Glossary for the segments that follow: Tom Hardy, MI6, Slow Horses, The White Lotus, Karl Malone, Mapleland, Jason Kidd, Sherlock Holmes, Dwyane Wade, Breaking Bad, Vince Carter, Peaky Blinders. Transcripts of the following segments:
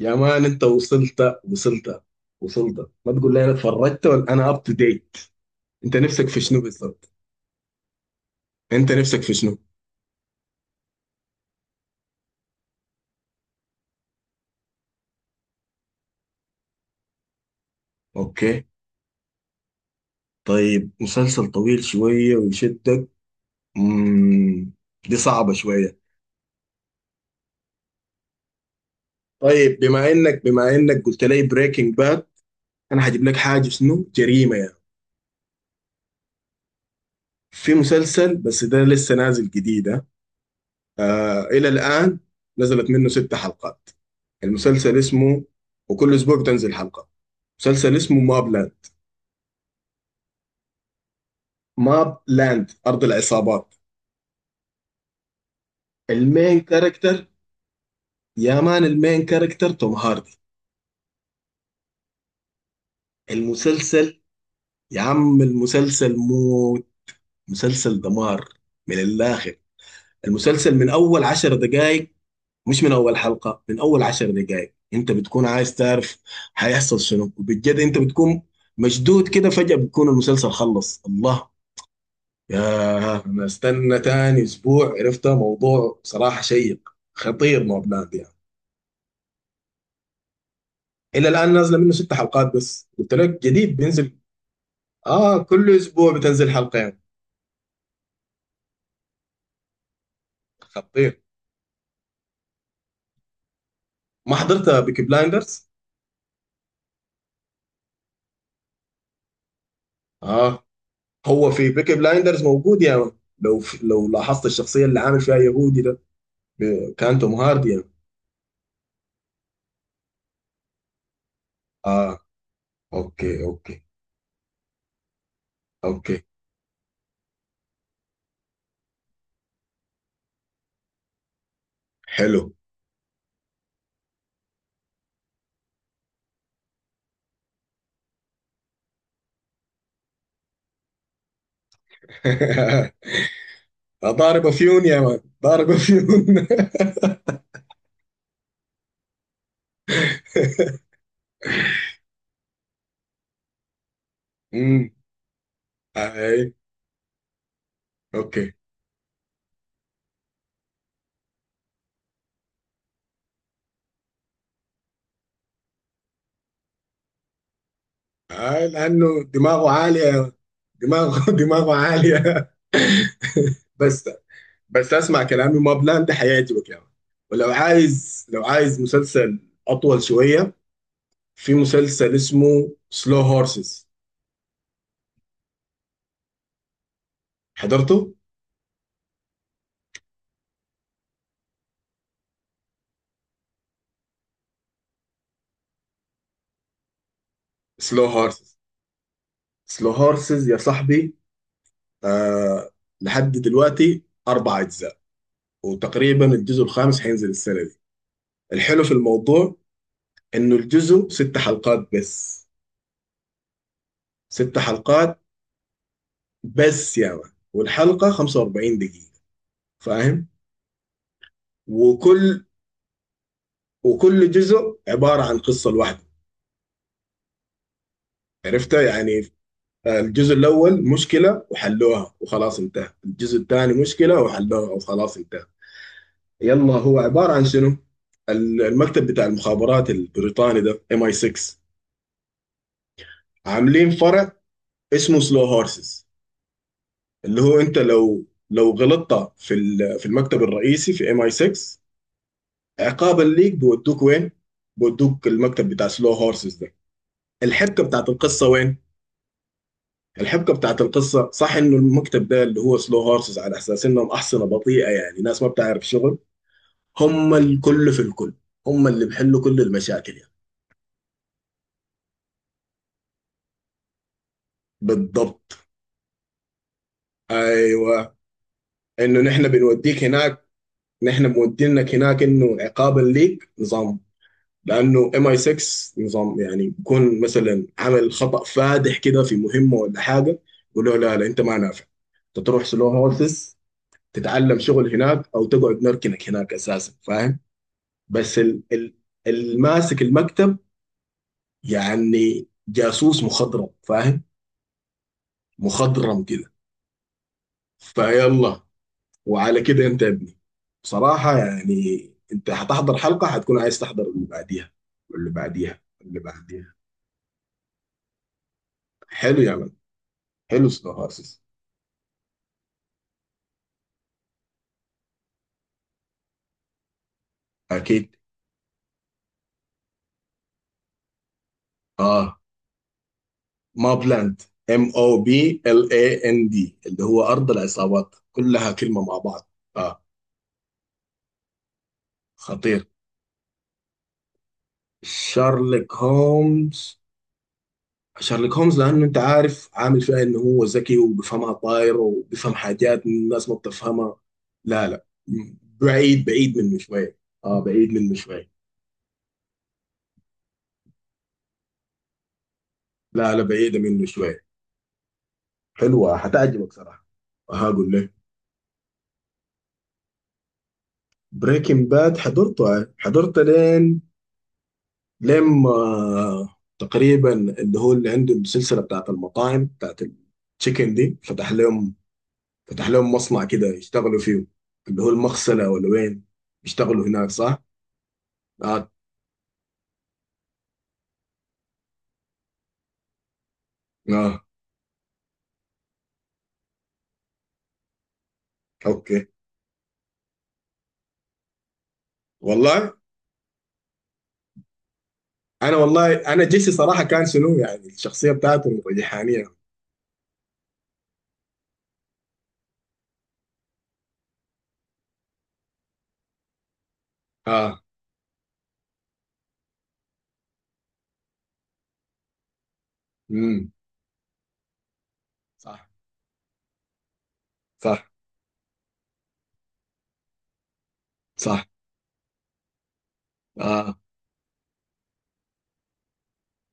يا مان انت وصلت. ما تقول لي انا اتفرجت، ولا انا اب تو ديت؟ انت نفسك في شنو بالضبط؟ انت نفسك في شنو؟ اوكي. طيب مسلسل طويل شويه ويشدك. امم دي صعبه شويه. طيب بما انك قلت لي بريكنج باد، انا هجيب لك حاجه شنو، جريمه يعني. في مسلسل بس ده لسه نازل جديد ها. آه، الى الان نزلت منه 6 حلقات. المسلسل اسمه، وكل اسبوع بتنزل حلقه. مسلسل اسمه ماب، ماب لاند أرض العصابات. المين كاركتر؟ يا مان، المين كاركتر توم هاردي. المسلسل، يا عم المسلسل موت، مسلسل دمار، من الآخر. المسلسل من أول 10 دقايق، مش من أول حلقة، من أول 10 دقايق أنت بتكون عايز تعرف هيحصل شنو. وبجد أنت بتكون مشدود كده، فجأة بتكون المسلسل خلص. الله يا أنا، استنى تاني أسبوع. عرفت، موضوع صراحة شيق، خطير، ماب لاند يعني. الى الان نازله منه 6 حلقات بس، قلت لك جديد بينزل. اه، كل اسبوع بتنزل حلقه يعني. خطير. ما حضرت بيكي بلايندرز؟ اه، هو في بيكي بلايندرز موجود يعني. لو لاحظت الشخصيه اللي عامل فيها يهودي ده، كان توم هاردي يعني. اه، اوكي، اوكي، اوكي. حلو. ضارب فيون يا مان، ضارب فيون. امم اي، اوكي. آه، لانه دماغه عاليه. دماغه، دماغه عاليه. بس. بس اسمع كلامي، ما بلاند حيعجبك يعني. ولو عايز مسلسل اطول شويه، في مسلسل اسمه سلو هورسز. حضرته؟ سلو هورسز، سلو هورسز يا صاحبي. آه، لحد دلوقتي 4 اجزاء، وتقريبا الجزء الخامس هينزل السنه دي. الحلو في الموضوع انه الجزء 6 حلقات بس، 6 حلقات بس يا مان، والحلقه 45 دقيقه. فاهم؟ وكل وكل جزء عباره عن قصه لوحده، عرفتها يعني. الجزء الأول مشكلة وحلوها وخلاص انتهى، الجزء الثاني مشكلة وحلوها وخلاص انتهى. يلا هو عبارة عن شنو؟ المكتب بتاع المخابرات البريطاني ده ام اي 6، عاملين فرع اسمه سلو هورسز، اللي هو انت لو غلطت في في المكتب الرئيسي في ام اي 6، عقابا ليك بودوك وين. بودوك المكتب بتاع سلو هورسز ده. الحبكة بتاعت القصة وين؟ الحبكه بتاعت القصه صح انه المكتب ده اللي هو سلو هورسز، على اساس انهم احصنه بطيئه، يعني ناس ما بتعرف شغل. هم الكل في الكل، هم اللي بيحلوا كل المشاكل يعني. بالضبط، ايوه. انه نحن بنوديك هناك، نحن مودينك هناك، انه عقابا ليك نظام. لانه ام اي 6 نظام يعني، بيكون مثلا عمل خطا فادح كده في مهمه ولا حاجه، يقولوا لا لا انت ما نافع، انت تروح سلو هورسز، تتعلم شغل هناك او تقعد نركنك هناك اساسا، فاهم. بس ال الماسك المكتب، يعني جاسوس مخضرم، فاهم. مخضرم كده. فيلا. وعلى كده انت يا ابني بصراحة، يعني انت هتحضر حلقة هتكون عايز تحضر اللي بعديها واللي بعديها واللي بعديها. حلو يا مان، حلو سنوهاسس. اكيد. اه، ما بلاند، ام او بي ال اي ان دي، اللي هو ارض العصابات كلها كلمة مع بعض. اه. خطير. شارلوك هومز. شارلوك هومز لانه انت عارف عامل فيها انه هو ذكي وبيفهمها طاير وبيفهم حاجات الناس ما بتفهمها. لا لا، بعيد، بعيد منه شويه. اه، بعيد منه شويه. لا لا، بعيده منه شويه. حلوه، حتعجبك صراحه. هقول لك. بريكنج باد حضرته آه، حضرته لين لما آه، تقريبا اللي هو اللي عنده السلسله بتاعت المطاعم بتاعت التشيكن دي، فتح لهم، فتح لهم مصنع كده يشتغلوا فيه، اللي هو المغسله ولا وين. يشتغلوا هناك صح؟ آه. اه. اوكي. والله. انا والله انا جيسي صراحه كان شنو يعني، الشخصيه بتاعته الريحانيه. اه. امم صح، صح، صح. اه،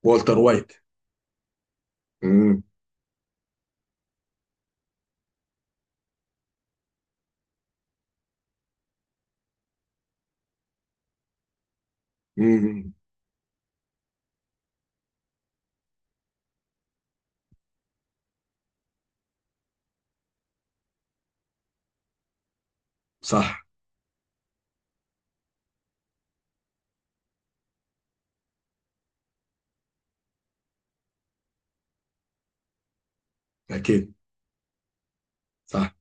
والتر وايت. امم امم صح. اكيد. صح.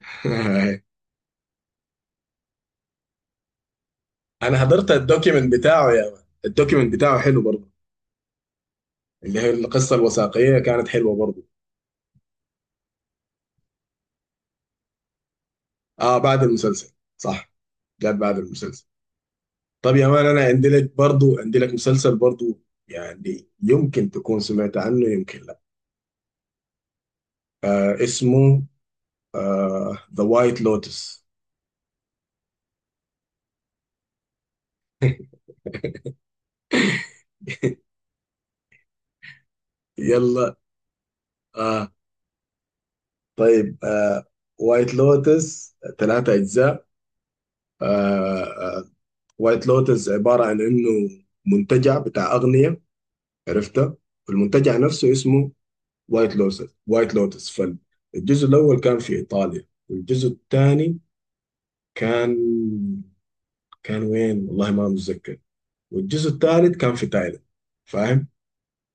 انا حضرت الدوكيمنت بتاعه يا مان. الدوكيمنت بتاعه حلو برضه. اللي هي القصه الوثائقيه كانت حلوه برضه. اه، بعد المسلسل صح. جات بعد المسلسل. طب يا مان انا عندي لك برضه، عندي لك مسلسل برضه، يعني يمكن تكون سمعت عنه يمكن لا. آه، اسمه آه، ذا وايت لوتس. يلا. آه، طيب، آه، وايت لوتس 3 أجزاء. آه، وايت لوتس عبارة عن إنه منتجع بتاع أغنية، عرفته. والمنتجع نفسه اسمه وايت لوتس. وايت لوتس، فالجزء الأول كان في إيطاليا، والجزء الثاني كان، كان وين والله ما متذكر، والجزء الثالث كان في تايلاند. فاهم.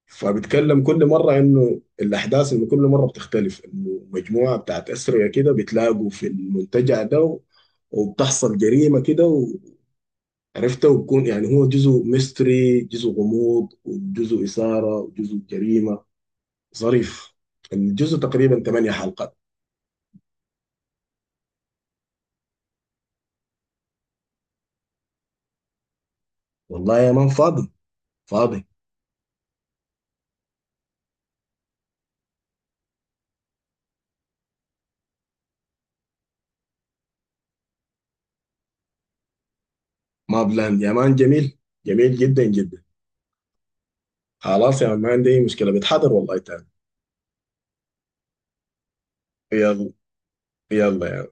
فبتكلم كل مرة إنه الأحداث إنه كل مرة بتختلف، إنه مجموعة بتاعت أسرية كده بتلاقوا في المنتجع ده و-، وبتحصل جريمة كده و-، عرفتها، وبكون يعني هو جزء ميستري جزء غموض وجزء إثارة وجزء جريمة. ظريف. الجزء تقريبا 8 حلقات. والله يا مان فاضي، فاضي. ما بلان يا مان، جميل. جميل جدا جدا. خلاص يا مان، ما عندي أي مشكلة، بتحضر والله تاني. يلا، يلا.